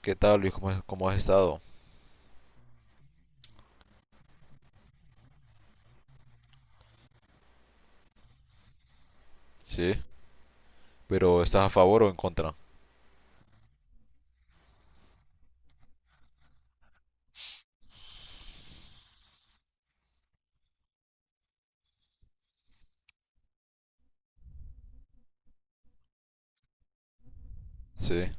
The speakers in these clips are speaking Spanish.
¿Qué tal, Luis? ¿Cómo, cómo has estado? Sí. Pero ¿estás a favor o en contra? Sí.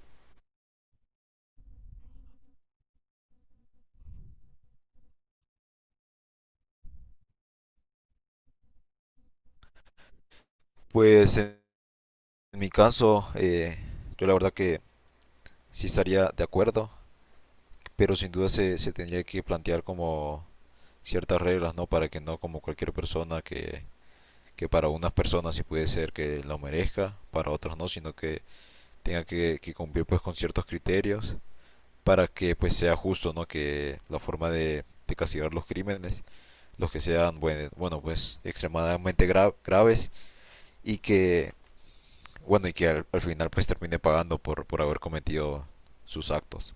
Pues en mi caso, yo la verdad que sí estaría de acuerdo, pero sin duda se tendría que plantear como ciertas reglas, ¿no? Para que no como cualquier persona que para unas personas sí puede ser que lo merezca, para otros no, sino que tenga que cumplir pues con ciertos criterios para que pues sea justo, ¿no? Que la forma de castigar los crímenes los que sean, bueno, bueno pues extremadamente graves y que, bueno, y que al final pues termine pagando por haber cometido sus actos.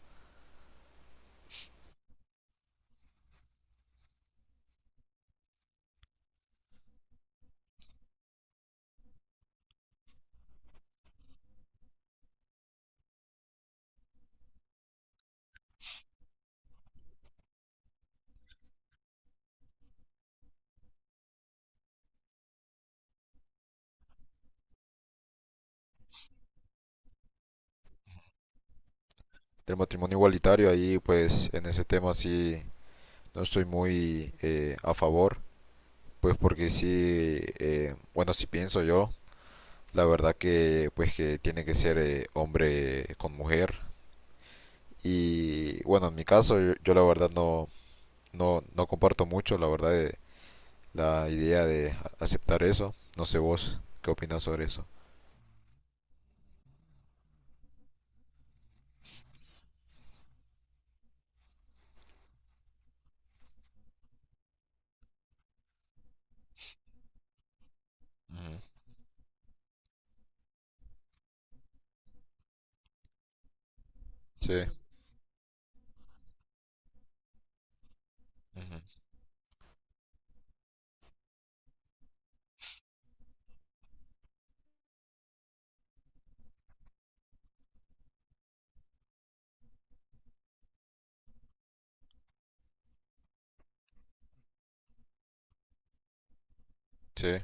Del matrimonio igualitario ahí pues en ese tema sí no estoy muy a favor, pues porque sí, bueno, si pienso yo, la verdad que pues que tiene que ser hombre con mujer y bueno, en mi caso yo la verdad no, no, no comparto mucho, la verdad, la idea de aceptar eso. No sé vos, ¿qué opinas sobre eso? Ujú. Sí, ujú. Sí,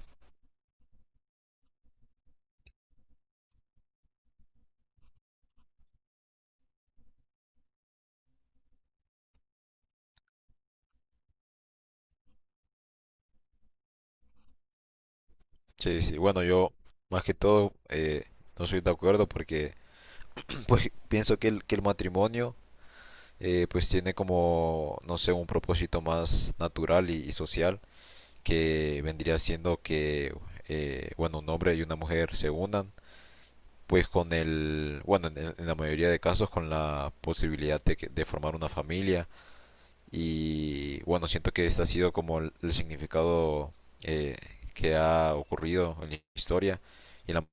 sí, sí. Bueno, yo más que todo no soy de acuerdo porque pues pienso que el matrimonio pues tiene como, no sé, un propósito más natural y social que vendría siendo que, bueno, un hombre y una mujer se unan pues con el, bueno, en la mayoría de casos con la posibilidad de formar una familia. Y bueno, siento que este ha sido como el significado eh, que ha ocurrido en la historia y en la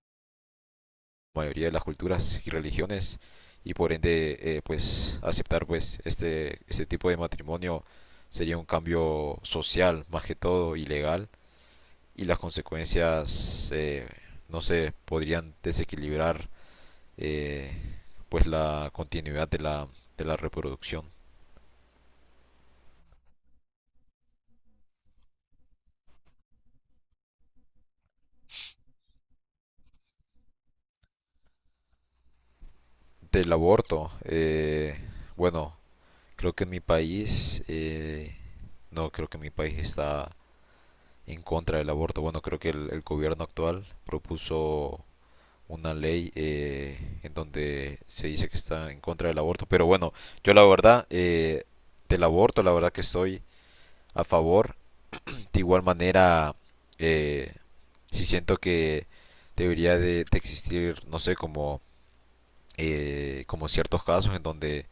mayoría de las culturas y religiones y por ende pues aceptar pues este tipo de matrimonio sería un cambio social más que todo y legal, y las consecuencias no sé podrían desequilibrar eh, pues la continuidad de la reproducción del aborto. Bueno, creo que en mi país, no, creo que mi país está en contra del aborto. Bueno, creo que el gobierno actual propuso una ley en donde se dice que está en contra del aborto. Pero bueno, yo la verdad, del aborto, la verdad que estoy a favor. De igual manera, eh, sí siento que debería de existir, no sé, como, como ciertos casos en donde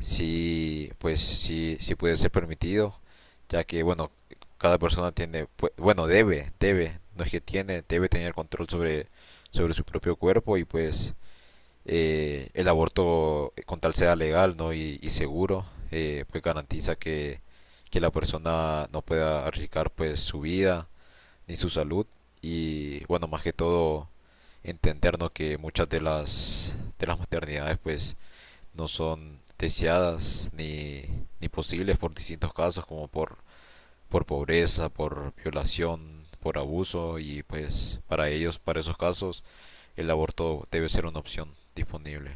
sí, pues sí, sí puede ser permitido, ya que, bueno, cada persona tiene, bueno, debe, debe, no es que tiene, debe tener control sobre, sobre su propio cuerpo y pues el aborto, con tal sea legal, ¿no? Y seguro, pues garantiza que la persona no pueda arriesgar pues su vida ni su salud y, bueno, más que todo, entendernos que muchas de las maternidades pues no son deseadas ni posibles por distintos casos como por pobreza, por violación, por abuso y pues para ellos, para esos casos, el aborto debe ser una opción disponible.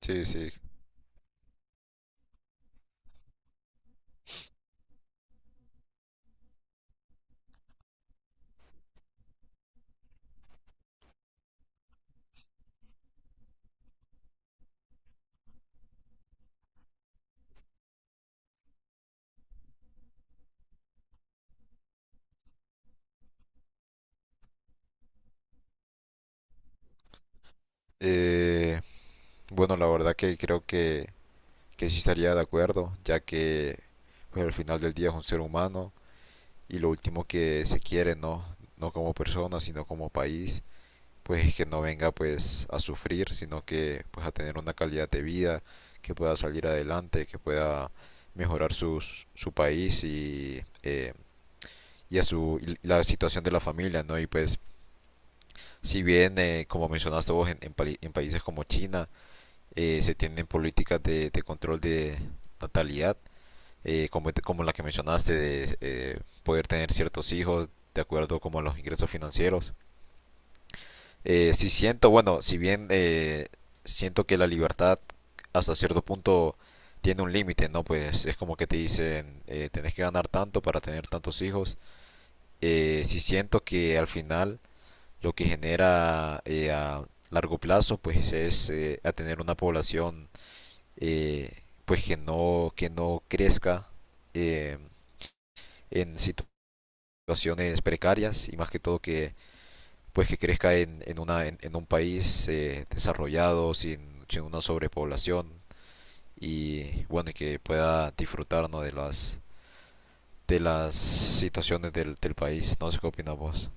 Sí, sí. Eh, bueno, la verdad que creo que sí estaría de acuerdo, ya que pues, al final del día es un ser humano y lo último que se quiere, ¿no? No como persona, sino como país, pues que no venga pues a sufrir, sino que pues a tener una calidad de vida, que pueda salir adelante, que pueda mejorar su país y a su, y la situación de la familia, ¿no? Y pues si bien, como mencionaste vos, en, en países como China, se tienen políticas de control de natalidad, como, como la que mencionaste, de poder tener ciertos hijos de acuerdo como a los ingresos financieros. Sí siento, bueno, si bien siento que la libertad hasta cierto punto tiene un límite, ¿no? Pues es como que te dicen, tenés que ganar tanto para tener tantos hijos. Sí siento que al final lo que genera a largo plazo, pues es a tener una población pues que no crezca eh, en situaciones precarias y más que todo que pues que crezca en un país desarrollado, sin una sobrepoblación y bueno, y que pueda disfrutar, ¿no? de las situaciones del país. No sé qué opinas vos.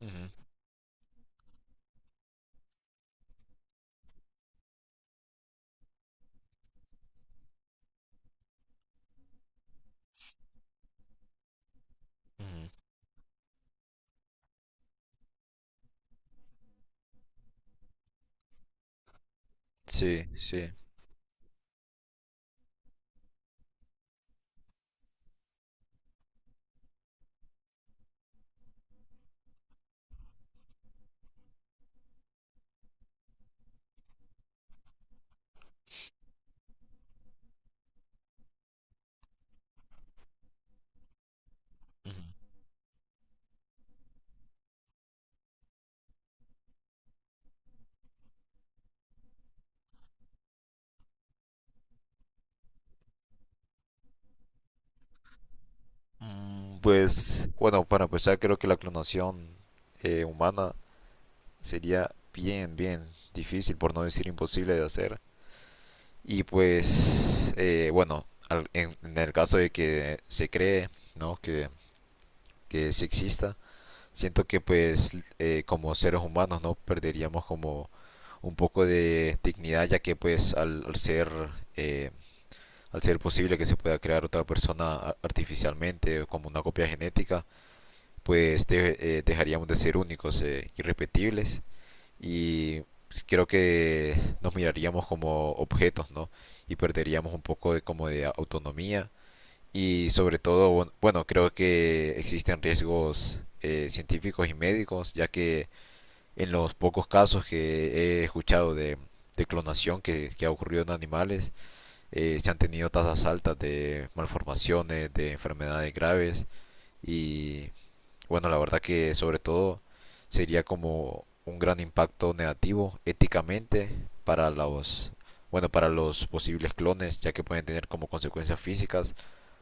Ujú, ujú, sí, sí, ujú. Pues bueno, para empezar creo que la clonación humana sería bien, bien difícil, por no decir imposible de hacer. Y pues bueno, en el caso de que se cree, ¿no? Que sí exista. Siento que pues como seres humanos no perderíamos como un poco de dignidad ya que pues al ser eh, al ser posible que se pueda crear otra persona artificialmente o como una copia genética pues dejaríamos de ser únicos irrepetibles y pues, creo que nos miraríamos como objetos, no, y perderíamos un poco de como de autonomía y sobre todo, bueno, bueno, creo que existen riesgos científicos y médicos, ya que en los pocos casos que he escuchado de clonación que ha ocurrido en animales, se han tenido tasas altas de malformaciones, de enfermedades graves y bueno, la verdad que sobre todo sería como un gran impacto negativo éticamente para los, bueno, para los posibles clones, ya que pueden tener como consecuencias físicas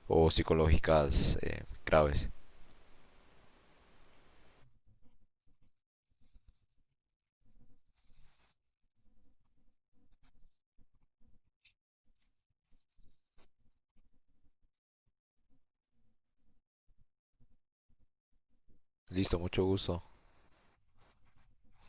o psicológicas graves. Listo, mucho gusto.